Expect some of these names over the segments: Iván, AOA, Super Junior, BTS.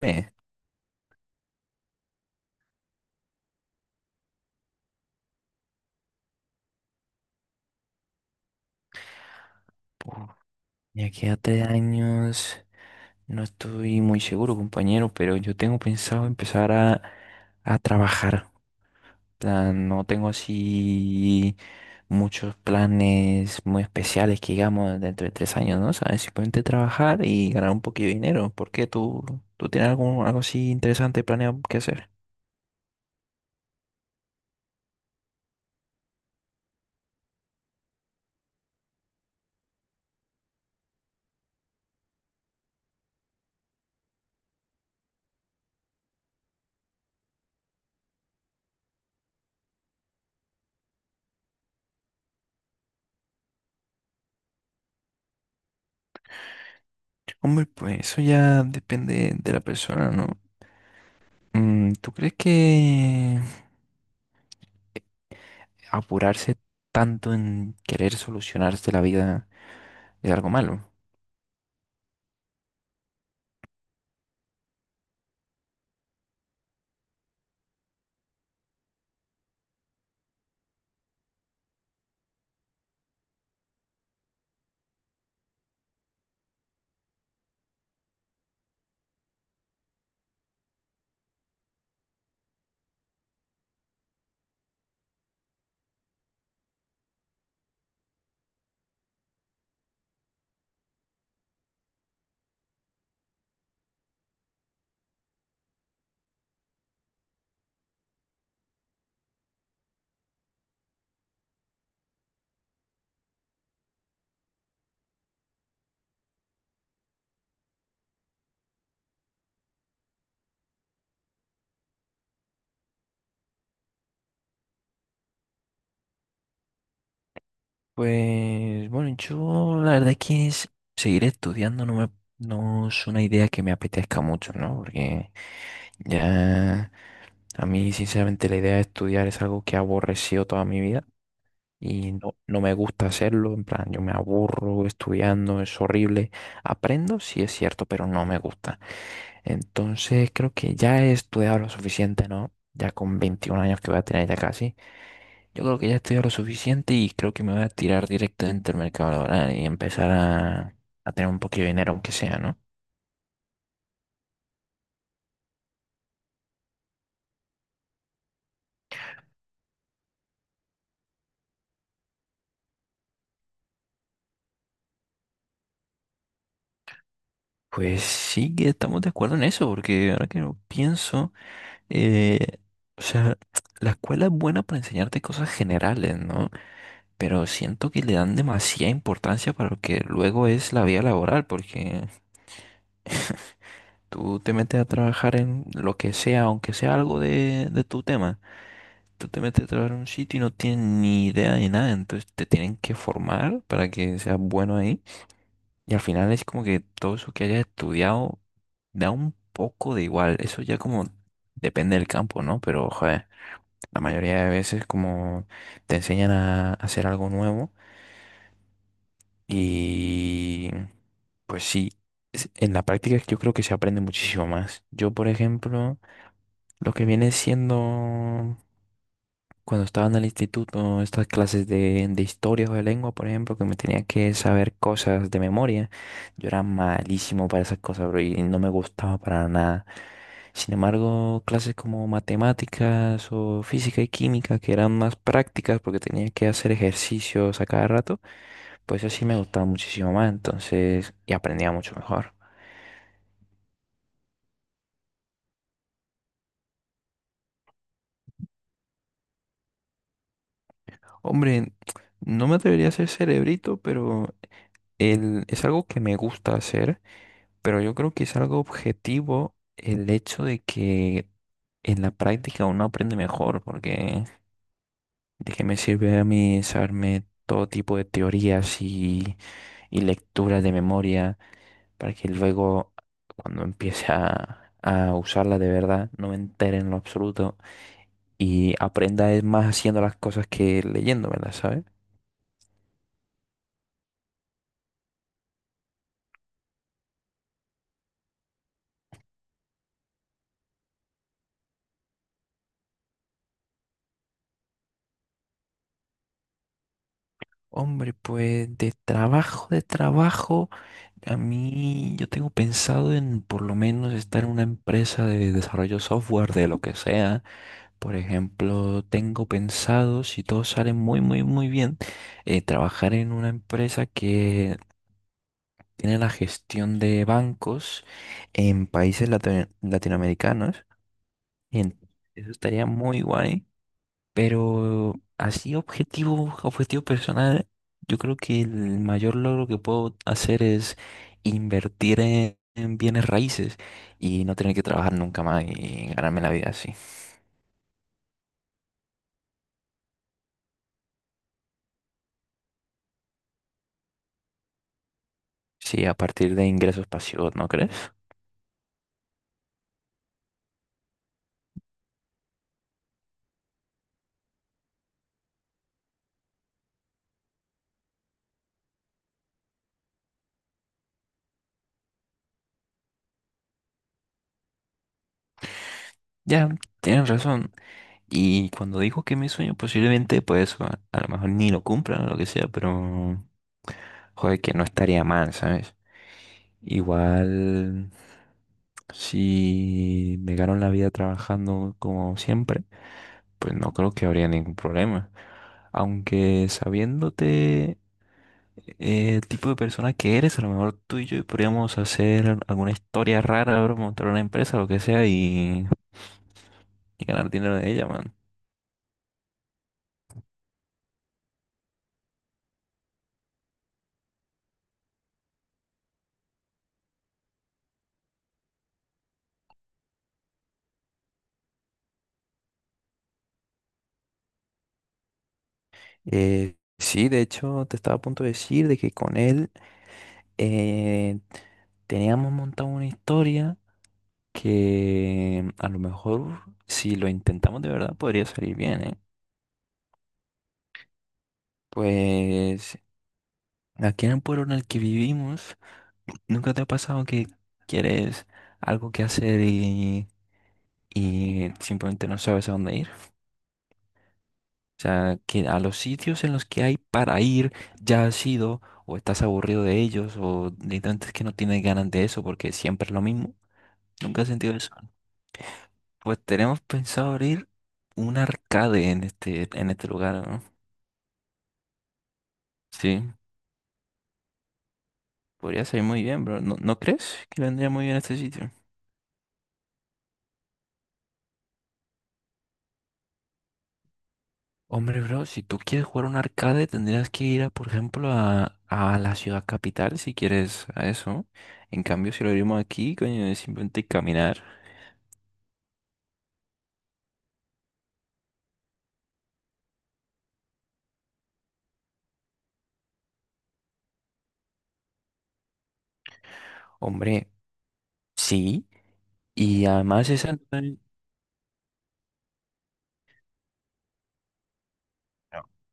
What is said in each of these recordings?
Eh, pu- de aquí a tres años, no estoy muy seguro, compañero, pero yo tengo pensado empezar a trabajar. Plan, no tengo así muchos planes muy especiales que digamos dentro de tres años, ¿no? ¿Sabes? Simplemente trabajar y ganar un poquito de dinero. ¿Por qué tú tienes algo así interesante planeado que hacer? Hombre, pues eso ya depende de la persona, ¿no? ¿Tú crees que apurarse tanto en querer solucionarse la vida es algo malo? Pues bueno, yo la verdad es que seguir estudiando no es una idea que me apetezca mucho, ¿no? Porque ya a mí sinceramente la idea de estudiar es algo que he aborrecido toda mi vida. Y no me gusta hacerlo, en plan, yo me aburro estudiando, es horrible. Aprendo, sí es cierto, pero no me gusta. Entonces creo que ya he estudiado lo suficiente, ¿no? Ya con 21 años que voy a tener ya casi, yo creo que ya he estudiado lo suficiente y creo que me voy a tirar directamente al mercado laboral y empezar a tener un poquito de dinero, aunque sea, ¿no? Pues sí que estamos de acuerdo en eso, porque ahora que lo pienso, eh, o sea, la escuela es buena para enseñarte cosas generales, ¿no? Pero siento que le dan demasiada importancia para lo que luego es la vida laboral, porque tú te metes a trabajar en lo que sea, aunque sea algo de tu tema, tú te metes a trabajar en un sitio y no tienes ni idea de nada, entonces te tienen que formar para que seas bueno ahí, y al final es como que todo eso que hayas estudiado da un poco de igual, eso ya como depende del campo, ¿no? Pero, joder, la mayoría de veces como te enseñan a hacer algo nuevo. Y pues sí, en la práctica yo creo que se aprende muchísimo más. Yo, por ejemplo, lo que viene siendo cuando estaba en el instituto, estas clases de historia o de lengua, por ejemplo, que me tenía que saber cosas de memoria, yo era malísimo para esas cosas, bro, y no me gustaba para nada. Sin embargo, clases como matemáticas o física y química, que eran más prácticas porque tenía que hacer ejercicios a cada rato, pues así me gustaba muchísimo más, entonces, y aprendía mucho mejor. Hombre, no me atrevería a ser cerebrito, pero es algo que me gusta hacer, pero yo creo que es algo objetivo el hecho de que en la práctica uno aprende mejor, porque de qué me sirve a mí saberme todo tipo de teorías y lecturas de memoria para que luego cuando empiece a usarla de verdad no me entere en lo absoluto. Y aprenda es más haciendo las cosas que leyéndomelas, ¿sabes? Hombre, pues de trabajo, a mí yo tengo pensado en por lo menos estar en una empresa de desarrollo software, de lo que sea. Por ejemplo, tengo pensado, si todo sale muy bien, trabajar en una empresa que tiene la gestión de bancos en países latinoamericanos. Y en- eso estaría muy guay. Pero así objetivo personal, yo creo que el mayor logro que puedo hacer es invertir en bienes raíces y no tener que trabajar nunca más y ganarme la vida así. Sí, a partir de ingresos pasivos, ¿no crees? Ya, tienes razón. Y cuando digo que mi sueño, posiblemente, pues a lo mejor ni lo cumplan o lo que sea, pero joder, que no estaría mal, ¿sabes? Igual. Si me gano la vida trabajando como siempre, pues no creo que habría ningún problema. Aunque sabiéndote el tipo de persona que eres, a lo mejor tú y yo podríamos hacer alguna historia rara, bro, montar una empresa, lo que sea, y ganar dinero de ella, man. Sí, de hecho, te estaba a punto de decir de que con él eh, teníamos montado una historia que a lo mejor si lo intentamos de verdad podría salir bien, ¿eh? Pues aquí en el pueblo en el que vivimos, ¿nunca te ha pasado que quieres algo que hacer y simplemente no sabes a dónde ir? O sea, que a los sitios en los que hay para ir ya has ido o estás aburrido de ellos o literalmente es que no tienes ganas de eso porque siempre es lo mismo. ¿Nunca has sentido eso? Pues tenemos pensado abrir un arcade en en este lugar, ¿no? Sí. Podría salir muy bien, bro. No crees que le vendría muy bien a este sitio? Hombre, bro, si tú quieres jugar un arcade, tendrías que ir, a, por ejemplo, a la ciudad capital si quieres a eso. En cambio, si lo abrimos aquí, coño, es simplemente caminar. Hombre, sí. Y además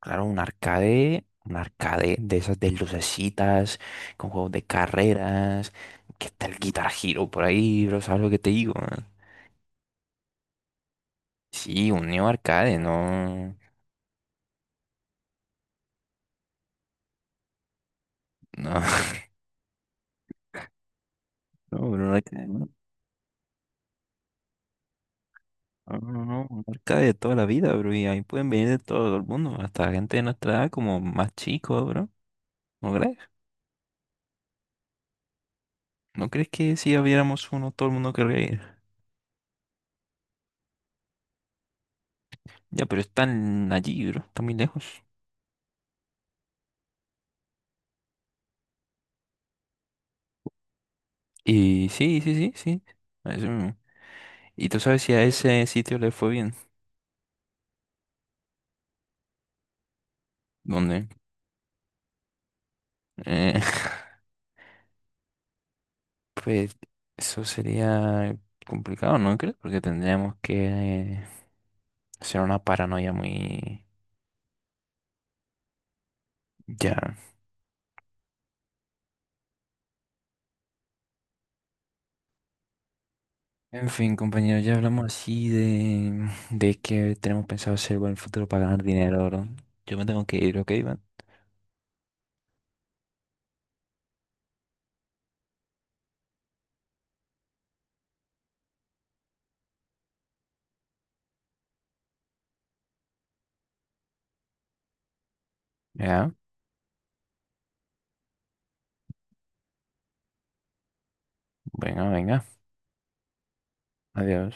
claro, un arcade de esas de lucecitas, con juegos de carreras, que está el Guitar Hero por ahí, bro, ¿sabes lo que te digo? Sí, un Neo Arcade, no. No, pero un arcade, no, marca de toda la vida, bro. Y ahí pueden venir de todo el mundo, hasta gente de nuestra edad, como más chicos, bro. ¿No crees? ¿No crees que si abriéramos uno, todo el mundo querría ir? Ya, pero están allí, bro. Están muy lejos. Y sí, sí, sí, sí, a eso mismo. ¿Y tú sabes si a ese sitio le fue bien? ¿Dónde? Eh, pues eso sería complicado, ¿no crees? Porque tendríamos que hacer una paranoia muy... Ya. En fin, compañero ya hablamos así de que tenemos pensado hacer en el futuro para ganar dinero, ¿no? Yo me tengo que ir, ¿ok, Iván? Ya, venga, adiós.